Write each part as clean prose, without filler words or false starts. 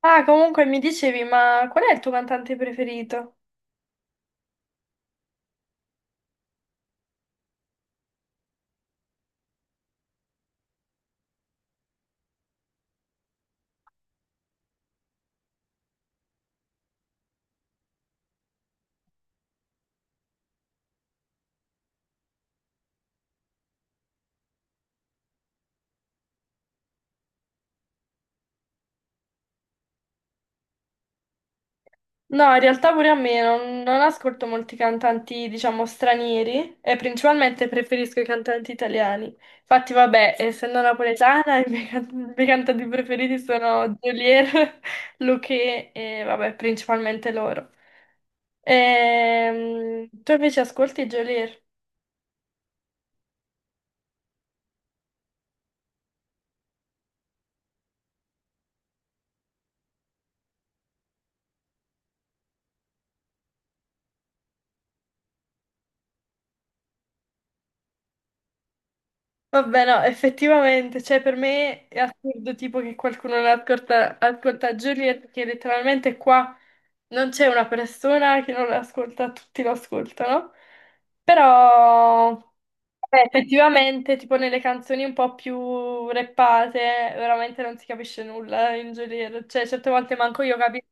Ah, comunque mi dicevi, ma qual è il tuo cantante preferito? No, in realtà pure a me non ascolto molti cantanti, diciamo, stranieri e principalmente preferisco i cantanti italiani. Infatti, vabbè, essendo napoletana, i miei cantanti preferiti sono Geolier, Luchè e, vabbè, principalmente loro. Tu invece ascolti Geolier? Vabbè, no, effettivamente, cioè per me è assurdo tipo che qualcuno non ascolta, ascolta Juliet, perché letteralmente qua non c'è una persona che non l'ascolta, tutti lo ascoltano. Però, vabbè, effettivamente, tipo nelle canzoni un po' più rappate, veramente non si capisce nulla in Juliet, cioè certe volte manco io capisco.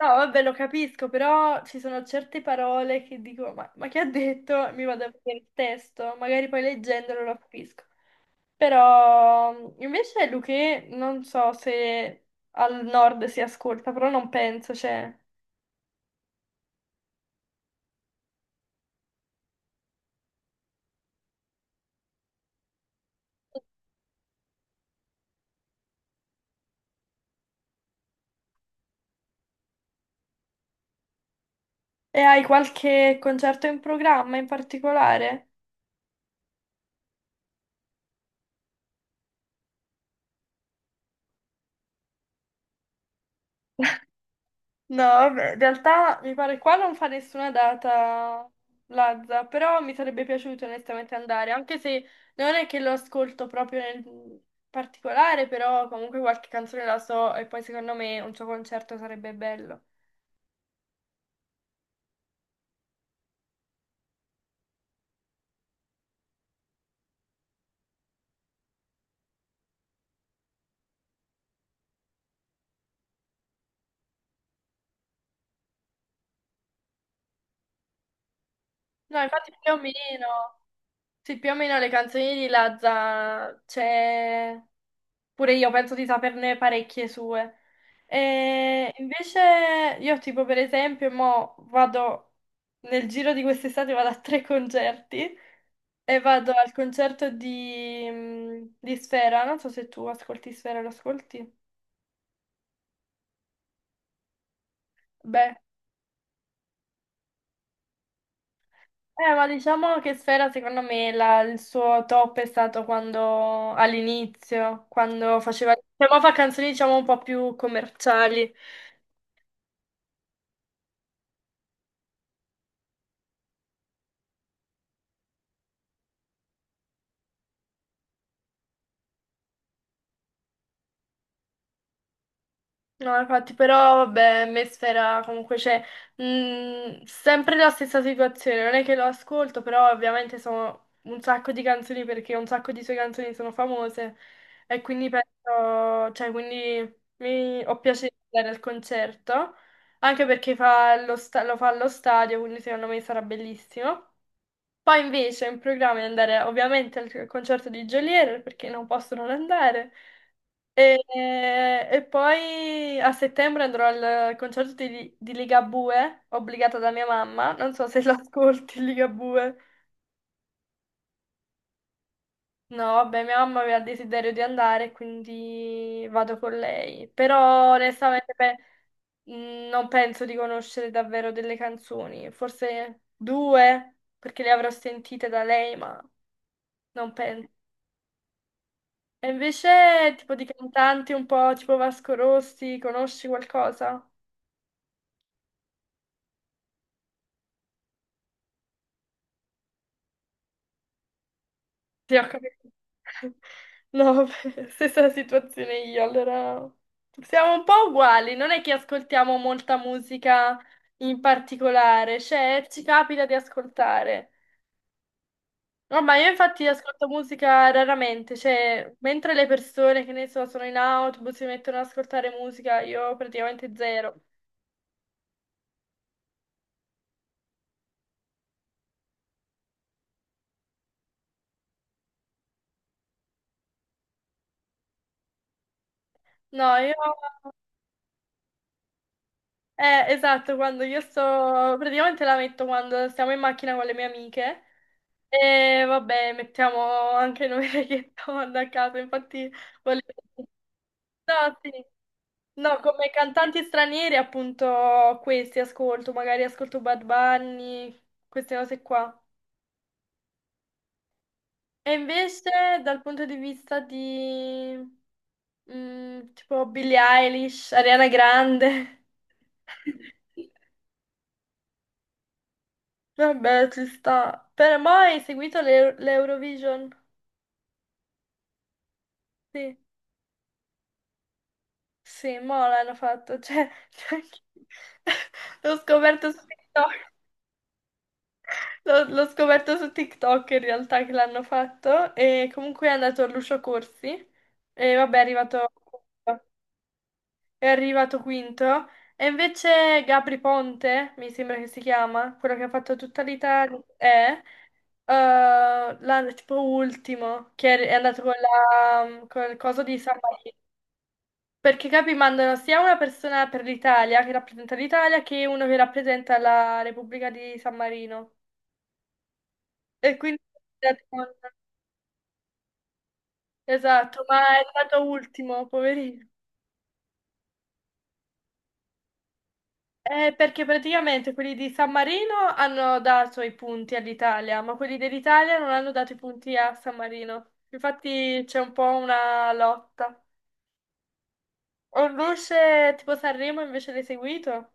No, vabbè, lo capisco, però ci sono certe parole che dico, ma che ha detto? Mi vado a vedere il testo, magari poi leggendolo lo capisco. Però invece Luché, non so se al nord si ascolta, però non penso, cioè. E hai qualche concerto in programma in particolare? No, vabbè, in realtà mi pare qua non fa nessuna data Lazza, però mi sarebbe piaciuto onestamente andare, anche se non è che lo ascolto proprio nel particolare, però comunque qualche canzone la so e poi secondo me un suo concerto sarebbe bello. No, infatti più o meno, sì, più o meno le canzoni di Lazza c'è. Pure io penso di saperne parecchie sue. E invece io tipo per esempio mo vado, nel giro di quest'estate vado a tre concerti e vado al concerto di Sfera, non so se tu ascolti Sfera, lo ascolti? Beh, ma diciamo che Sfera secondo me il suo top è stato quando all'inizio, quando faceva, cioè, mo fa canzoni diciamo un po' più commerciali. No, infatti, però, vabbè, Mesfera comunque c'è sempre la stessa situazione, non è che lo ascolto, però ovviamente sono un sacco di canzoni perché un sacco di sue canzoni sono famose e quindi penso, cioè, quindi ho piacere di andare al concerto, anche perché lo fa allo stadio, quindi secondo me sarà bellissimo. Poi invece ho in programma di andare ovviamente al concerto di Geolier perché non posso non andare. E, e poi a settembre andrò al concerto di Ligabue, obbligata da mia mamma. Non so se l'ascolti, Ligabue. No, vabbè, mia mamma aveva il desiderio di andare, quindi vado con lei. Però onestamente beh, non penso di conoscere davvero delle canzoni. Forse due, perché le avrò sentite da lei, ma non penso. E invece, tipo di cantanti un po' tipo Vasco Rossi, conosci qualcosa? Sì, ho capito. No, vabbè, stessa situazione io, allora siamo un po' uguali, non è che ascoltiamo molta musica in particolare, cioè ci capita di ascoltare. Ormai io infatti ascolto musica raramente, cioè mentre le persone che ne so sono in autobus si mettono ad ascoltare musica, io praticamente zero. No, io... esatto, quando io sto... praticamente la metto quando stiamo in macchina con le mie amiche. E vabbè, mettiamo anche noi reggaeton a caso, infatti volevo... No, sì. No, come cantanti stranieri appunto questi ascolto, magari ascolto Bad Bunny, queste cose qua. E invece dal punto di vista di tipo Billie Eilish, Ariana Grande, vabbè ci sta. Però mai hai seguito l'Eurovision? Sì. Sì, mo l'hanno fatto, cioè, l'ho scoperto su TikTok, l'ho scoperto su TikTok in realtà che l'hanno fatto e comunque è andato Lucio Corsi e vabbè è arrivato quinto. E invece Gabri Ponte, mi sembra che si chiama, quello che ha fatto tutta l'Italia, è tipo ultimo, che è andato con con il coso di San Marino. Perché capi, mandano sia una persona per l'Italia che rappresenta l'Italia che uno che rappresenta la Repubblica di San Marino. E quindi esatto, ma è stato ultimo, poverino. Perché praticamente quelli di San Marino hanno dato i punti all'Italia, ma quelli dell'Italia non hanno dato i punti a San Marino. Infatti c'è un po' una lotta. Orluce tipo Sanremo invece l'hai seguito?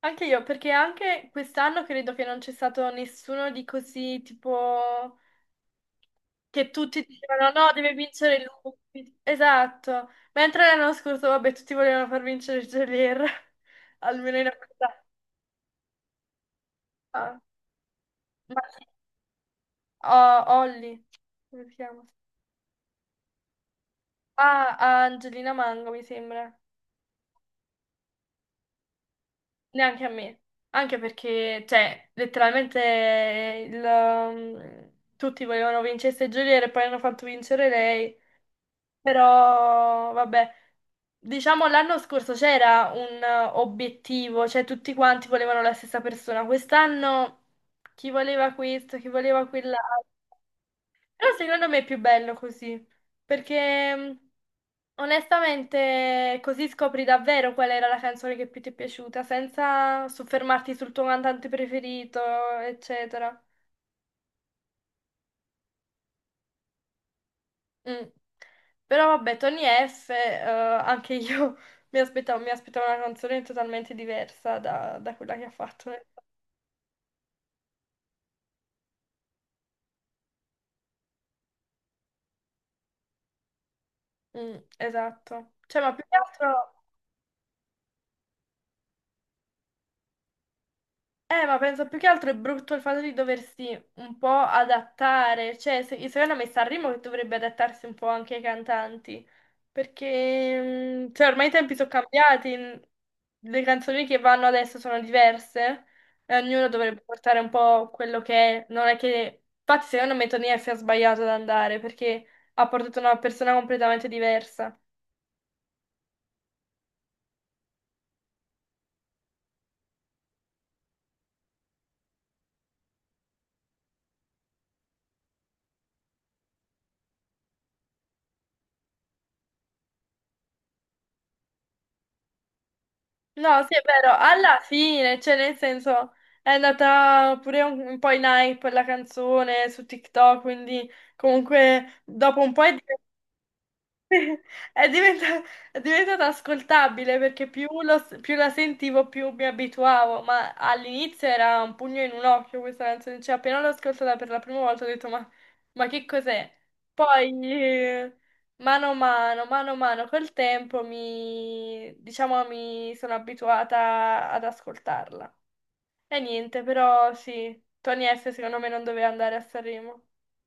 Anche io, perché anche quest'anno credo che non c'è stato nessuno di così, tipo, che tutti dicevano no, deve vincere lui. Esatto. Mentre l'anno scorso, vabbè, tutti volevano far vincere Gelir, almeno in questa. Ah, ma sì, oh, Olli, come si chiama? Ah, a Angelina Mango, mi sembra. Neanche a me. Anche perché, cioè, letteralmente tutti volevano vincesse Gelir e poi hanno fatto vincere lei. Però, vabbè, diciamo l'anno scorso c'era un obiettivo, cioè tutti quanti volevano la stessa persona. Quest'anno chi voleva questo, chi voleva quell'altro. Però secondo me è più bello così, perché onestamente così scopri davvero qual era la canzone che più ti è piaciuta, senza soffermarti sul tuo cantante preferito, eccetera. Mm. Però vabbè, Tony F, anche io mi aspettavo una canzone totalmente diversa da quella che ha fatto. Mm, esatto. Cioè, ma più che altro... ma penso più che altro è brutto il fatto di doversi un po' adattare, cioè se, secondo me Sanremo che dovrebbe adattarsi un po' anche ai cantanti, perché cioè, ormai i tempi sono cambiati, le canzoni che vanno adesso sono diverse e ognuno dovrebbe portare un po' quello che è, non è che... Infatti secondo me Tonia si è sbagliato ad andare perché ha portato una persona completamente diversa. No, sì, è vero, alla fine, cioè nel senso, è andata pure un po' in hype la canzone su TikTok, quindi comunque dopo un po' è diventata È diventa- è diventata ascoltabile perché più la sentivo più mi abituavo, ma all'inizio era un pugno in un occhio questa canzone, cioè appena l'ho ascoltata per la prima volta ho detto ma che cos'è? Poi mano a mano col tempo diciamo, mi sono abituata ad ascoltarla. E niente, però sì, Tony F secondo me non doveva andare a Sanremo.